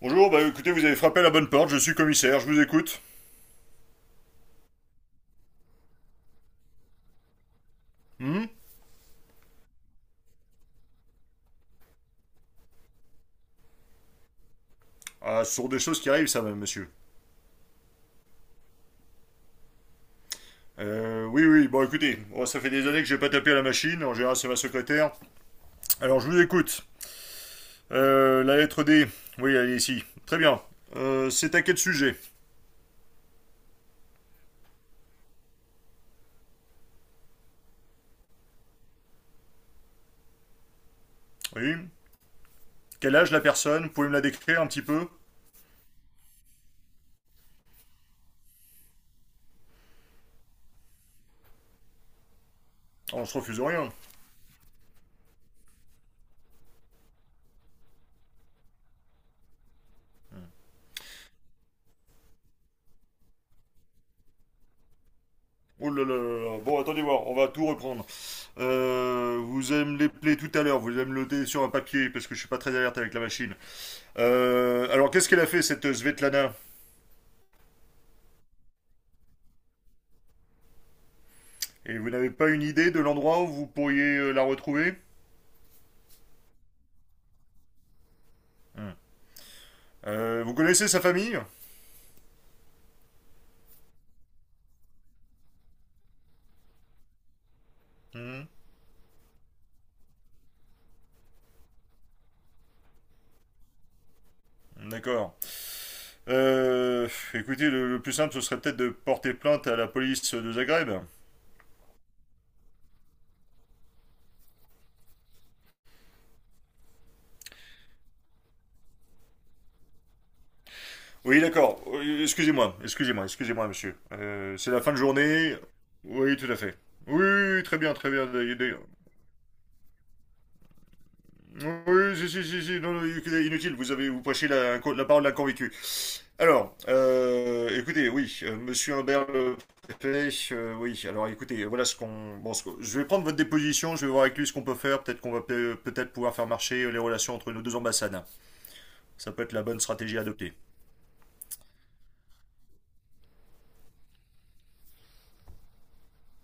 Bonjour, bah écoutez, vous avez frappé à la bonne porte, je suis commissaire, je vous écoute. Ah, ce sont des choses qui arrivent, ça, même, monsieur. Oui, oui, bon, écoutez, oh, ça fait des années que j'ai pas tapé à la machine, en général, c'est ma secrétaire. Alors, je vous écoute. La lettre D, oui, elle est ici. Très bien. C'est à quel sujet? Oui. Quel âge la personne? Vous pouvez me la décrire un petit peu? Ah, on se refuse rien. Oh là là, bon, attendez voir, on va tout reprendre. Vous allez me les plaies tout à l'heure, vous allez me le noter sur un papier, parce que je suis pas très alerte avec la machine. Alors, qu'est-ce qu'elle a fait, cette Svetlana? Et vous n'avez pas une idée de l'endroit où vous pourriez la retrouver? Hmm. Vous connaissez sa famille? Hmm. D'accord. Euh, Écoutez, le plus simple, ce serait peut-être de porter plainte à la police de Zagreb. Oui, d'accord. Excusez-moi, excusez-moi, excusez-moi, monsieur. C'est la fin de journée. Oui, tout à fait. Oui, oui, oui, très bien, très bien. Oui, si, si, si, si, non, non, inutile, vous avez, vous prêchez la parole d'un convaincu. Alors, écoutez, oui, Monsieur Humbert le préfet, oui, alors écoutez, voilà ce qu'on... Bon, je vais prendre votre déposition, je vais voir avec lui ce qu'on peut faire, peut-être qu'on va peut-être pouvoir faire marcher les relations entre nos deux ambassades. Ça peut être la bonne stratégie à adopter.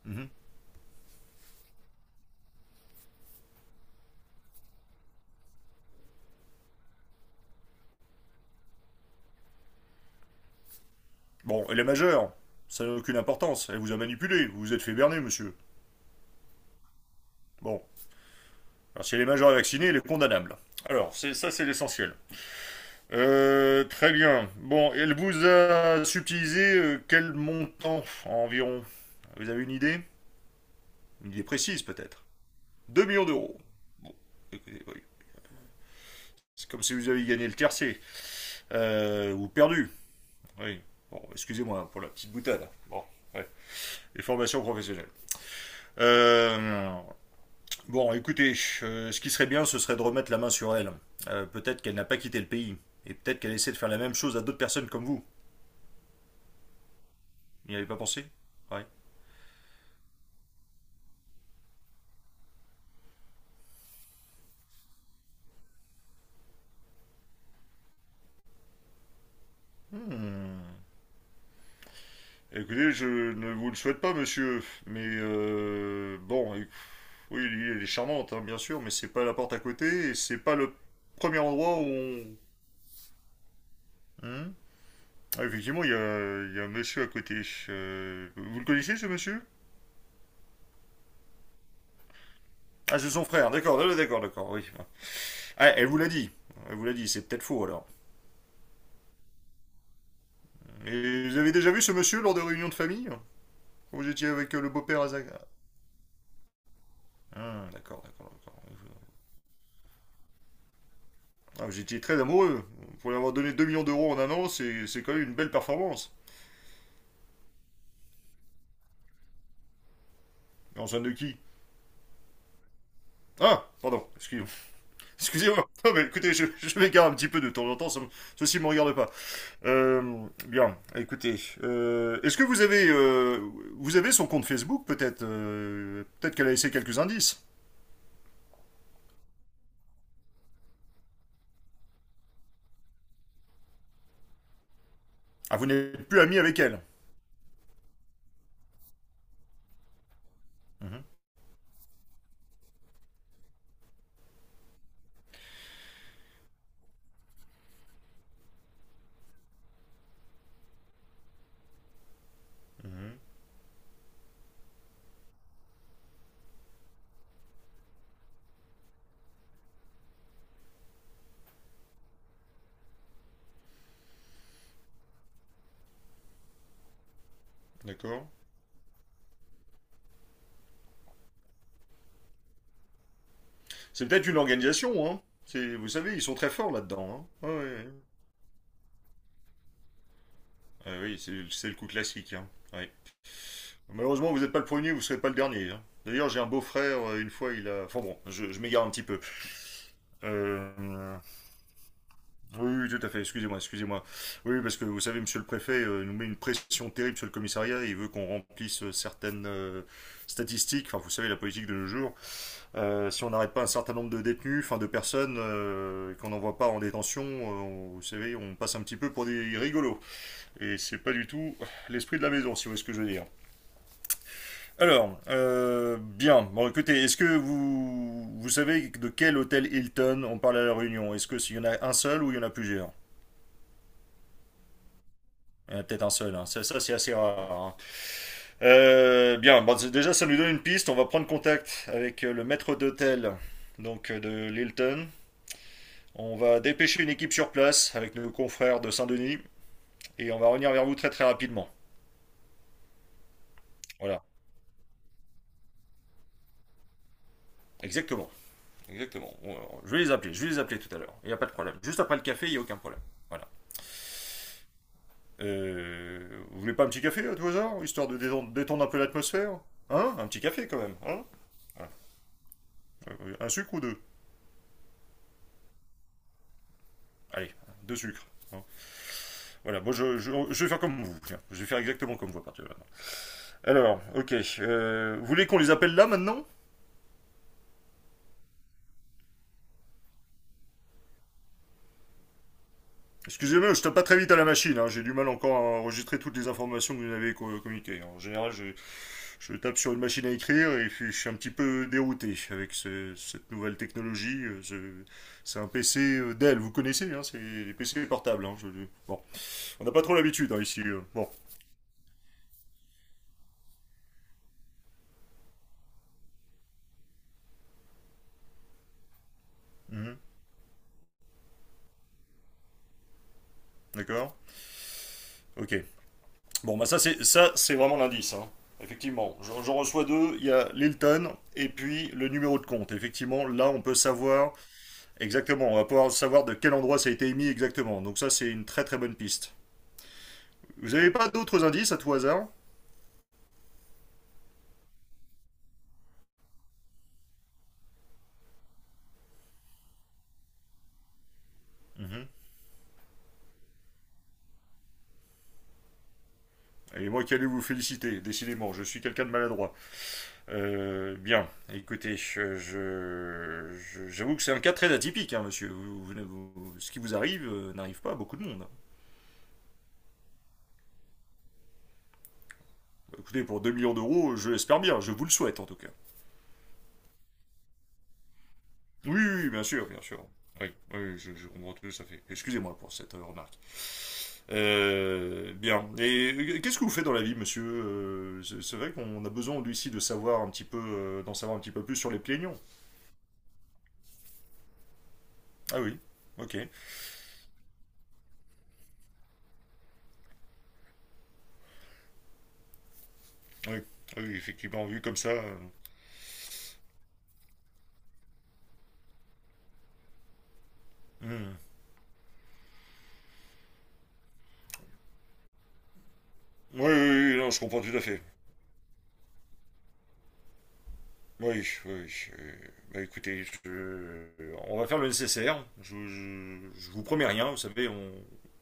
Mhm. Bon, elle est majeure, ça n'a aucune importance, elle vous a manipulé, vous vous êtes fait berner, monsieur. Bon, alors si elle est majeure et vaccinée, elle est condamnable. Alors, c'est ça, c'est l'essentiel. Très bien. Bon, elle vous a subtilisé quel montant environ? Vous avez une idée? Il est précise peut-être. 2 millions d'euros. Bon, écoutez, oui. C'est comme si vous aviez gagné le tiercé. Ou perdu. Oui. Bon, excusez-moi pour la petite boutade. Bon, ouais. Les formations professionnelles. Euh, bon, écoutez, ce qui serait bien, ce serait de remettre la main sur elle. Peut-être qu'elle n'a pas quitté le pays. Et peut-être qu'elle essaie de faire la même chose à d'autres personnes comme vous. N'y avez pas pensé? Ouais. Hmm. Écoutez, je ne vous le souhaite pas, monsieur. Mais bon, oui, l'île, elle est charmante, hein, bien sûr, mais c'est pas la porte à côté et c'est pas le premier endroit où on. Hein? Ah, effectivement, il y a un monsieur à côté. Vous le connaissez, ce monsieur? Ah, c'est son frère, d'accord, d'accord, d'accord, oui. Ah, elle vous l'a dit. Elle vous l'a dit, c'est peut-être faux alors. Et vous avez déjà vu ce monsieur lors de réunions de famille? Vous étiez avec le beau-père à Zaga? Ah, d'accord, d'accord, d'accord. Ah, vous étiez très amoureux. Pour lui avoir donné 2 millions d'euros en un an, c'est quand même une belle performance. En somme de qui? Ah, pardon, excusez-moi. Excusez-moi. Non, mais écoutez, je m'égare un petit peu de temps en temps. Ceci ne me regarde pas. Bien, écoutez. Est-ce que vous avez son compte Facebook, peut-être qu'elle a laissé quelques indices. Ah, vous n'êtes plus ami avec elle. Mhm, mhm. D'accord. C'est peut-être une organisation, hein. Vous savez, ils sont très forts là-dedans. Hein. Ouais, ouais, ouais. Ah oui, c'est le coup classique. Hein. Ouais. Malheureusement, vous n'êtes pas le premier, vous ne serez pas le dernier, hein. D'ailleurs, j'ai un beau-frère, une fois, il a... Enfin bon, je m'égare un petit peu. Euh, Oui, oui, tout à fait. Excusez-moi, excusez-moi. Oui, oui, parce que vous savez, monsieur le préfet nous met une pression terrible sur le commissariat. Il veut qu'on remplisse certaines statistiques. Enfin, vous savez, la politique de nos jours. Si on n'arrête pas un certain nombre de détenus, enfin de personnes, et qu'on n'envoie pas en détention, vous savez, on passe un petit peu pour des rigolos. Et c'est pas du tout l'esprit de la maison, si vous voyez ce que je veux dire. Alors, bien. Bon, écoutez, est-ce que vous savez de quel hôtel Hilton on parle à la Réunion? Est-ce que s'il y en a un seul ou il y en a plusieurs? Peut-être en seul, hein. Ça, c'est assez rare, hein. Bien, bon, déjà ça nous donne une piste, on va prendre contact avec le maître d'hôtel donc de l'Hilton. On va dépêcher une équipe sur place avec nos confrères de Saint-Denis et on va revenir vers vous très très rapidement. Voilà, exactement. Exactement. Je vais les appeler tout à l'heure. Il n'y a pas de problème. Juste après le café, il n'y a aucun problème. Voilà. Vous voulez pas un petit café à tout hasard, histoire de détendre un peu l'atmosphère? Hein? Un petit café quand même, hein? Voilà. Un sucre ou deux? Allez, deux sucres, hein. Voilà, bon, je vais faire comme vous. Tiens, je vais faire exactement comme vous à partir de maintenant. Alors, ok. Vous voulez qu'on les appelle là maintenant? Excusez-moi, je tape pas très vite à la machine, hein. J'ai du mal encore à enregistrer toutes les informations que vous m'avez communiquées. En général, je tape sur une machine à écrire et puis je suis un petit peu dérouté avec cette nouvelle technologie. C'est un PC Dell, vous connaissez, hein, c'est les PC portables, hein, bon, on n'a pas trop l'habitude hein, ici. Bon, mhm, d'accord. Ok. Bon, bah ça, c'est vraiment l'indice, hein. Effectivement, j'en reçois deux. Il y a l'Hilton et puis le numéro de compte. Effectivement, là, on peut savoir exactement. On va pouvoir savoir de quel endroit ça a été émis exactement. Donc ça, c'est une très très bonne piste. Vous n'avez pas d'autres indices à tout hasard? Mhm. Et moi qui allais vous féliciter, décidément, je suis quelqu'un de maladroit. Bien, écoutez, j'avoue je- j'avoue que c'est un cas très atypique, hein, monsieur. Ce qui vous arrive n'arrive pas à beaucoup de monde. Écoutez, pour 2 millions d'euros, je l'espère bien, je vous le souhaite en tout cas. Oui, oui, oui, bien sûr, bien sûr. Oui, oui, oui, je comprends tout ça fait. Excusez-moi pour cette remarque. Bien. Et qu'est-ce que vous faites dans la vie, monsieur? C'est vrai qu'on a besoin, lui aussi, de savoir un petit peu, d'en savoir un petit peu plus sur les plaignons. Ah oui, ok. Oui, ah oui, effectivement, vu comme ça. Hmm. Oui, oui, oui, non, je comprends tout à fait. Oui, oui, oui, euh, bah écoutez, on va faire le nécessaire. Je vous promets rien, vous savez,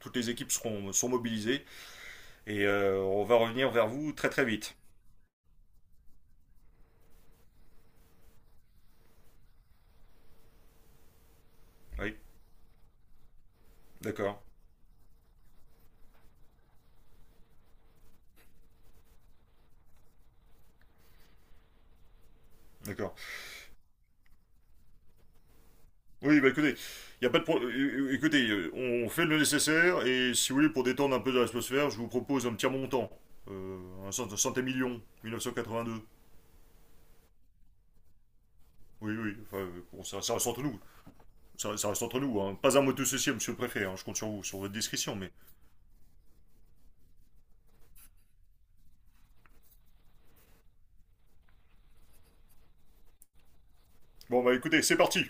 toutes les équipes seront, sont mobilisées. Et on va revenir vers vous très très vite. Oui, d'accord. D'accord. Oui, bah écoutez, y a pas de écoutez, on fait le nécessaire et si vous voulez pour détendre un peu de l'atmosphère, je vous propose un petit montant, un cent et million, 1982. Oui, oui, enfin, bon, ça reste entre nous, ça reste entre nous, hein. Pas un mot de ceci, monsieur le préfet, hein. Je compte sur vous, sur votre discrétion, mais bon bah écoutez, c'est parti.